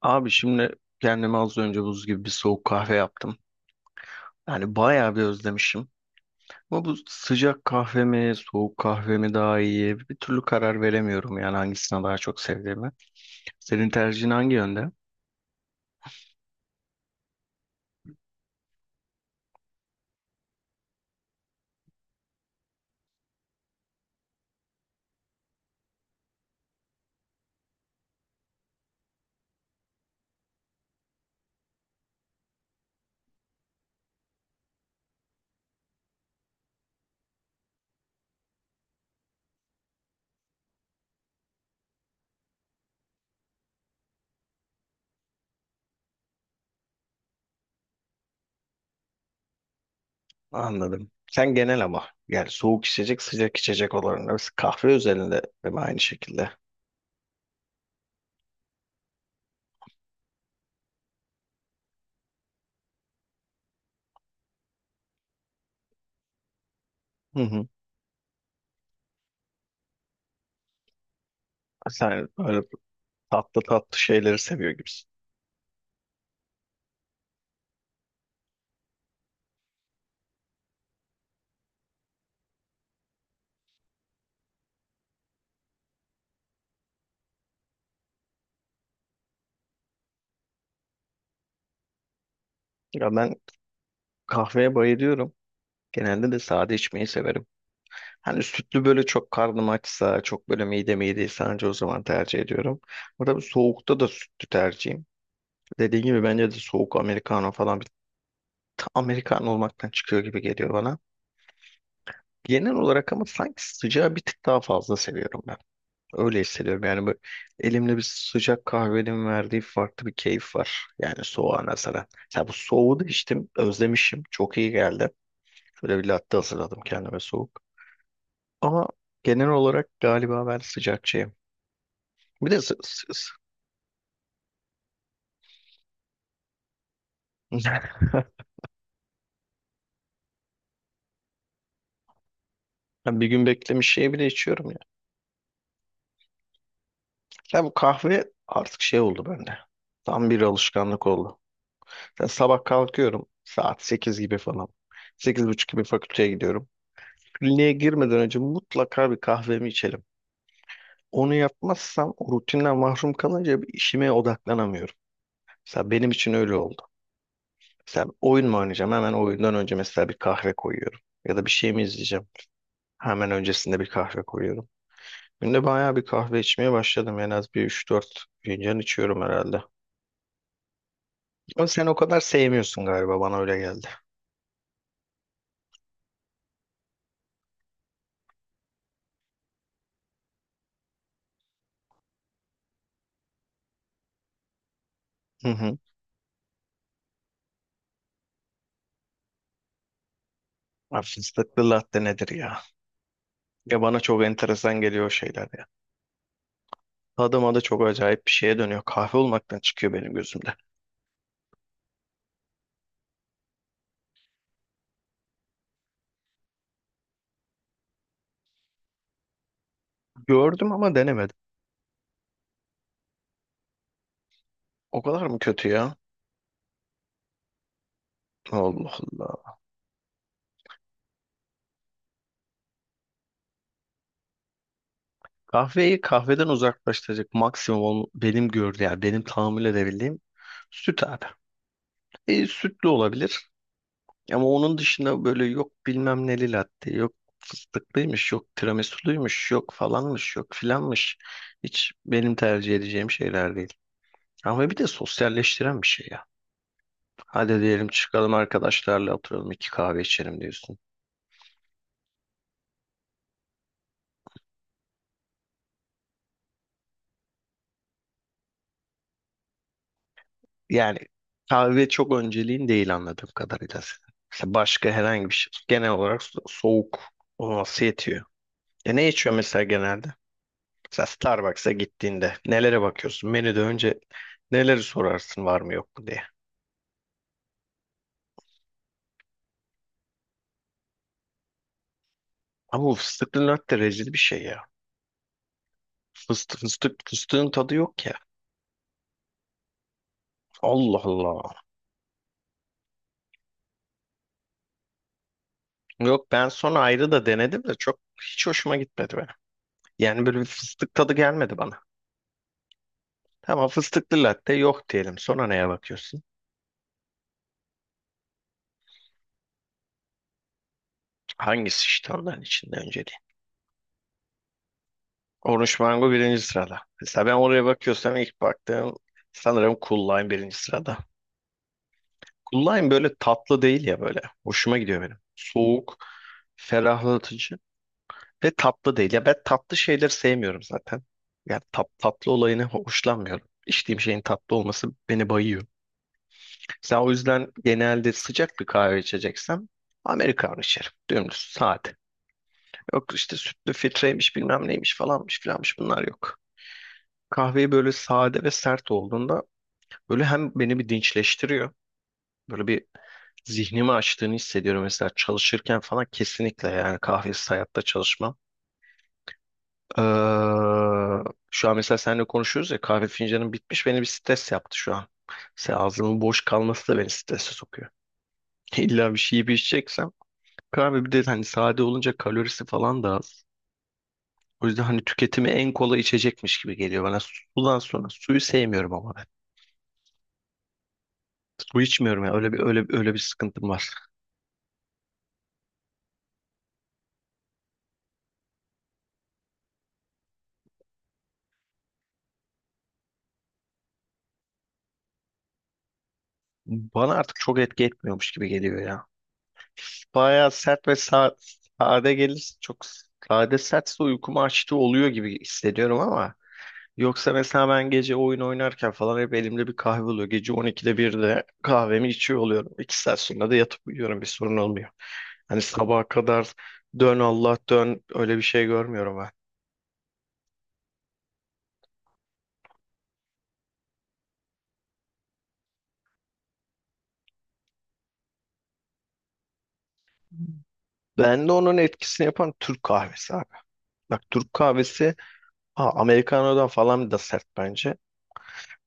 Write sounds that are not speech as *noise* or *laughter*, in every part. Abi şimdi kendime az önce buz gibi bir soğuk kahve yaptım. Yani bayağı bir özlemişim. Ama bu sıcak kahve mi, soğuk kahve mi daha iyi? Bir türlü karar veremiyorum yani hangisini daha çok sevdiğimi. Senin tercihin hangi yönde? Anladım. Sen genel ama yani soğuk içecek, sıcak içecek olanlar kahve özelinde değil mi aynı şekilde? Hı hı. Sen böyle tatlı tatlı şeyleri seviyor gibisin. Ya ben kahveye bayılıyorum. Genelde de sade içmeyi severim. Hani sütlü böyle çok karnım açsa, çok böyle midem iyi değilse anca o zaman tercih ediyorum. Burada bir soğukta da sütlü tercihim. Dediğim gibi bence de soğuk Americano falan bir Americano olmaktan çıkıyor gibi geliyor bana. Genel olarak ama sanki sıcağı bir tık daha fazla seviyorum ben. Öyle hissediyorum yani böyle elimde bir sıcak kahvenin verdiği farklı bir keyif var. Yani soğuğa nazaran. Ya bu soğuğu da içtim, özlemişim. Çok iyi geldi. Şöyle bir latte hazırladım kendime soğuk. Ama genel olarak galiba ben sıcakçıyım. Bir de s- s- s- *laughs* Ben bir gün beklemiş şey bile içiyorum ya. Ya bu kahve artık şey oldu bende. Tam bir alışkanlık oldu. Ya sabah kalkıyorum saat 8 gibi falan. 8 buçuk gibi fakülteye gidiyorum. Kliniğe girmeden önce mutlaka bir kahvemi içelim. Onu yapmazsam o rutinden mahrum kalınca bir işime odaklanamıyorum. Mesela benim için öyle oldu. Mesela oyun mu oynayacağım? Hemen oyundan önce mesela bir kahve koyuyorum. Ya da bir şey mi izleyeceğim? Hemen öncesinde bir kahve koyuyorum. Günde bayağı bir kahve içmeye başladım. En az bir üç dört fincan içiyorum herhalde. Ama sen o kadar sevmiyorsun galiba bana öyle geldi. Hı hı. Abi fıstıklı latte nedir ya? Ya bana çok enteresan geliyor o şeyler ya. Tadı madı çok acayip bir şeye dönüyor. Kahve olmaktan çıkıyor benim gözümde. Gördüm ama denemedim. O kadar mı kötü ya? Allah Allah. Kahveyi kahveden uzaklaştıracak maksimum benim gördüğüm yani benim tahammül edebildiğim süt abi. Sütlü olabilir. Ama onun dışında böyle yok bilmem neli latte, yok fıstıklıymış, yok tiramisuluymuş, yok falanmış, yok filanmış. Hiç benim tercih edeceğim şeyler değil. Ama bir de sosyalleştiren bir şey ya. Hadi diyelim çıkalım arkadaşlarla oturalım iki kahve içelim diyorsun. Yani kahve çok önceliğin değil anladığım kadarıyla senin. Mesela başka herhangi bir şey. Genel olarak soğuk olması yetiyor. Ne içiyor mesela genelde? Sen Starbucks'a gittiğinde nelere bakıyorsun? Menüde önce neleri sorarsın var mı yok mu diye. Ama bu fıstıklı latte rezil bir şey ya. Fıstık, fıstık, fıstığın tadı yok ya. Allah Allah. Yok, ben sonra ayrı da denedim de çok hiç hoşuma gitmedi benim. Yani böyle bir fıstık tadı gelmedi bana. Tamam, fıstıklı latte yok diyelim. Sonra neye bakıyorsun? Hangisi işte onların içinde önceliği? Orange mango birinci sırada. Mesela ben oraya bakıyorsam ilk baktığım sanırım Cool Lime birinci sırada. Cool Lime böyle tatlı değil ya böyle. Hoşuma gidiyor benim. Soğuk, ferahlatıcı ve tatlı değil. Ya ben tatlı şeyleri sevmiyorum zaten. Yani tatlı olayını hoşlanmıyorum. İçtiğim şeyin tatlı olması beni bayıyor. Sen o yüzden genelde sıcak bir kahve içeceksem Amerikan içerim. Dümdüz, sade. Yok işte sütlü filtreymiş bilmem neymiş falanmış filanmış bunlar yok. Kahveyi böyle sade ve sert olduğunda böyle hem beni bir dinçleştiriyor. Böyle bir zihnimi açtığını hissediyorum mesela çalışırken falan, kesinlikle yani kahvesiz hayatta çalışmam. Ee, Şu an mesela seninle konuşuyoruz ya, kahve fincanım bitmiş, beni bir stres yaptı şu an. Mesela ağzımın boş kalması da beni strese sokuyor. *laughs* İlla bir şey yiyip içeceksem kahve, bir de hani sade olunca kalorisi falan da az. O yüzden hani tüketimi en kolay içecekmiş gibi geliyor bana. Sudan sonra, suyu sevmiyorum ama ben. Su içmiyorum ya. Öyle bir sıkıntım var. Bana artık çok etki etmiyormuş gibi geliyor ya. Bayağı sert ve sade gelirse, çok sade sertse uykumu açtığı oluyor gibi hissediyorum, ama yoksa mesela ben gece oyun oynarken falan hep elimde bir kahve oluyor. Gece 12'de 1'de kahvemi içiyor oluyorum. 2 saat sonra da yatıp uyuyorum, bir sorun olmuyor. Hani sabaha kadar dön Allah dön, öyle bir şey görmüyorum ben. Ben de onun etkisini yapan Türk kahvesi abi. Bak, Türk kahvesi Aa, Americano'dan falan da sert bence.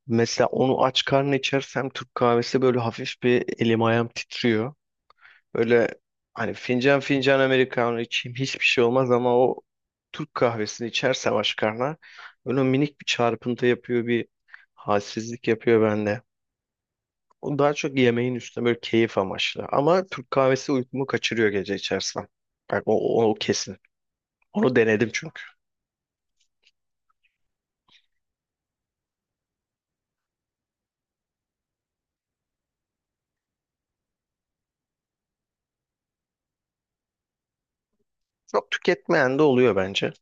Mesela onu aç karnına içersem Türk kahvesi böyle hafif bir elim ayağım titriyor. Böyle hani fincan fincan Americano içeyim hiçbir şey olmaz, ama o Türk kahvesini içersem aç karnına böyle minik bir çarpıntı yapıyor, bir halsizlik yapıyor bende. O daha çok yemeğin üstüne böyle keyif amaçlı. Ama Türk kahvesi uykumu kaçırıyor gece içersem. Bak o kesin. Onu denedim çünkü. Çok tüketmeyen de oluyor bence.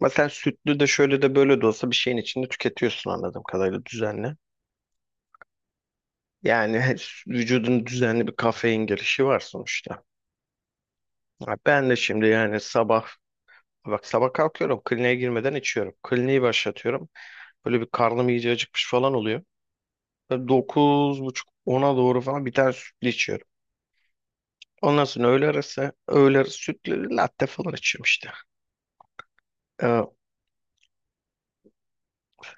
Mesela sütlü de şöyle de böyle de olsa bir şeyin içinde tüketiyorsun anladığım kadarıyla düzenli. Yani *laughs* vücudun düzenli bir kafein girişi var sonuçta. Ya ben de şimdi, yani sabah, bak sabah kalkıyorum, kliniğe girmeden içiyorum. Kliniği başlatıyorum. Böyle bir karnım iyice acıkmış falan oluyor. Böyle 9 buçuk 10'a doğru falan bir tane sütlü içiyorum. Ondan sonra öğle arası sütlü latte falan içiyorum işte. Ee,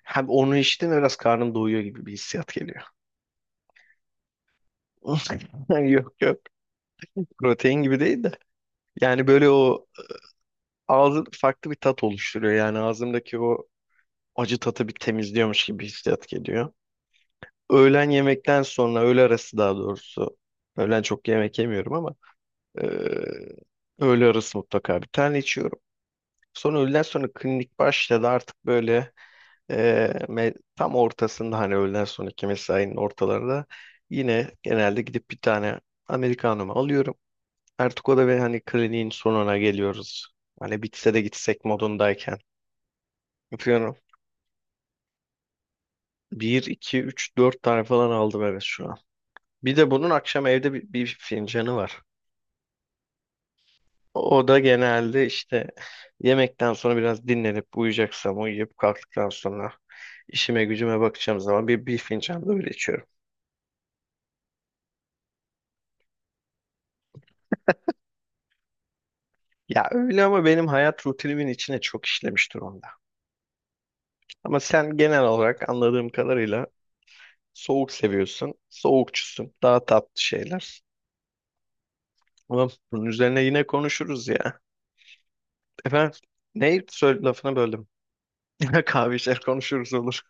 Hem onu içtim de biraz karnım doyuyor gibi bir hissiyat geliyor. *laughs* Yok yok. Protein gibi değil de. Yani böyle o ağzı farklı bir tat oluşturuyor. Yani ağzımdaki o acı tatı bir temizliyormuş gibi bir hissiyat geliyor. Öğlen yemekten sonra, öğle arası daha doğrusu. Öğlen çok yemek yemiyorum ama Ee, öğle arası mutlaka bir tane içiyorum. Sonra öğleden sonra klinik başladı artık, böyle e, tam ortasında, hani öğleden sonraki mesainin ortalarında yine genelde gidip bir tane Americano'mu alıyorum. Artık o da ve hani kliniğin sonuna geliyoruz. Hani bitse de gitsek modundayken. Yapıyorum. Bir iki üç dört tane falan aldım evet şu an. Bir de bunun akşam evde bir fincanı var. O da genelde işte yemekten sonra biraz dinlenip uyuyacaksam, uyuyup kalktıktan sonra işime gücüme bakacağım zaman bir fincan da öyle içiyorum. Ya öyle ama benim hayat rutinimin içine çok işlemiş durumda. Ama sen genel olarak anladığım kadarıyla soğuk seviyorsun, soğukçusun, daha tatlı şeyler. Ama bunun üzerine yine konuşuruz ya. Efendim, ne söyle, lafına böldüm. *laughs* Yine kahve içer konuşuruz, olur.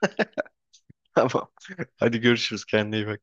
*laughs* Tamam. Hadi görüşürüz, kendine iyi bak.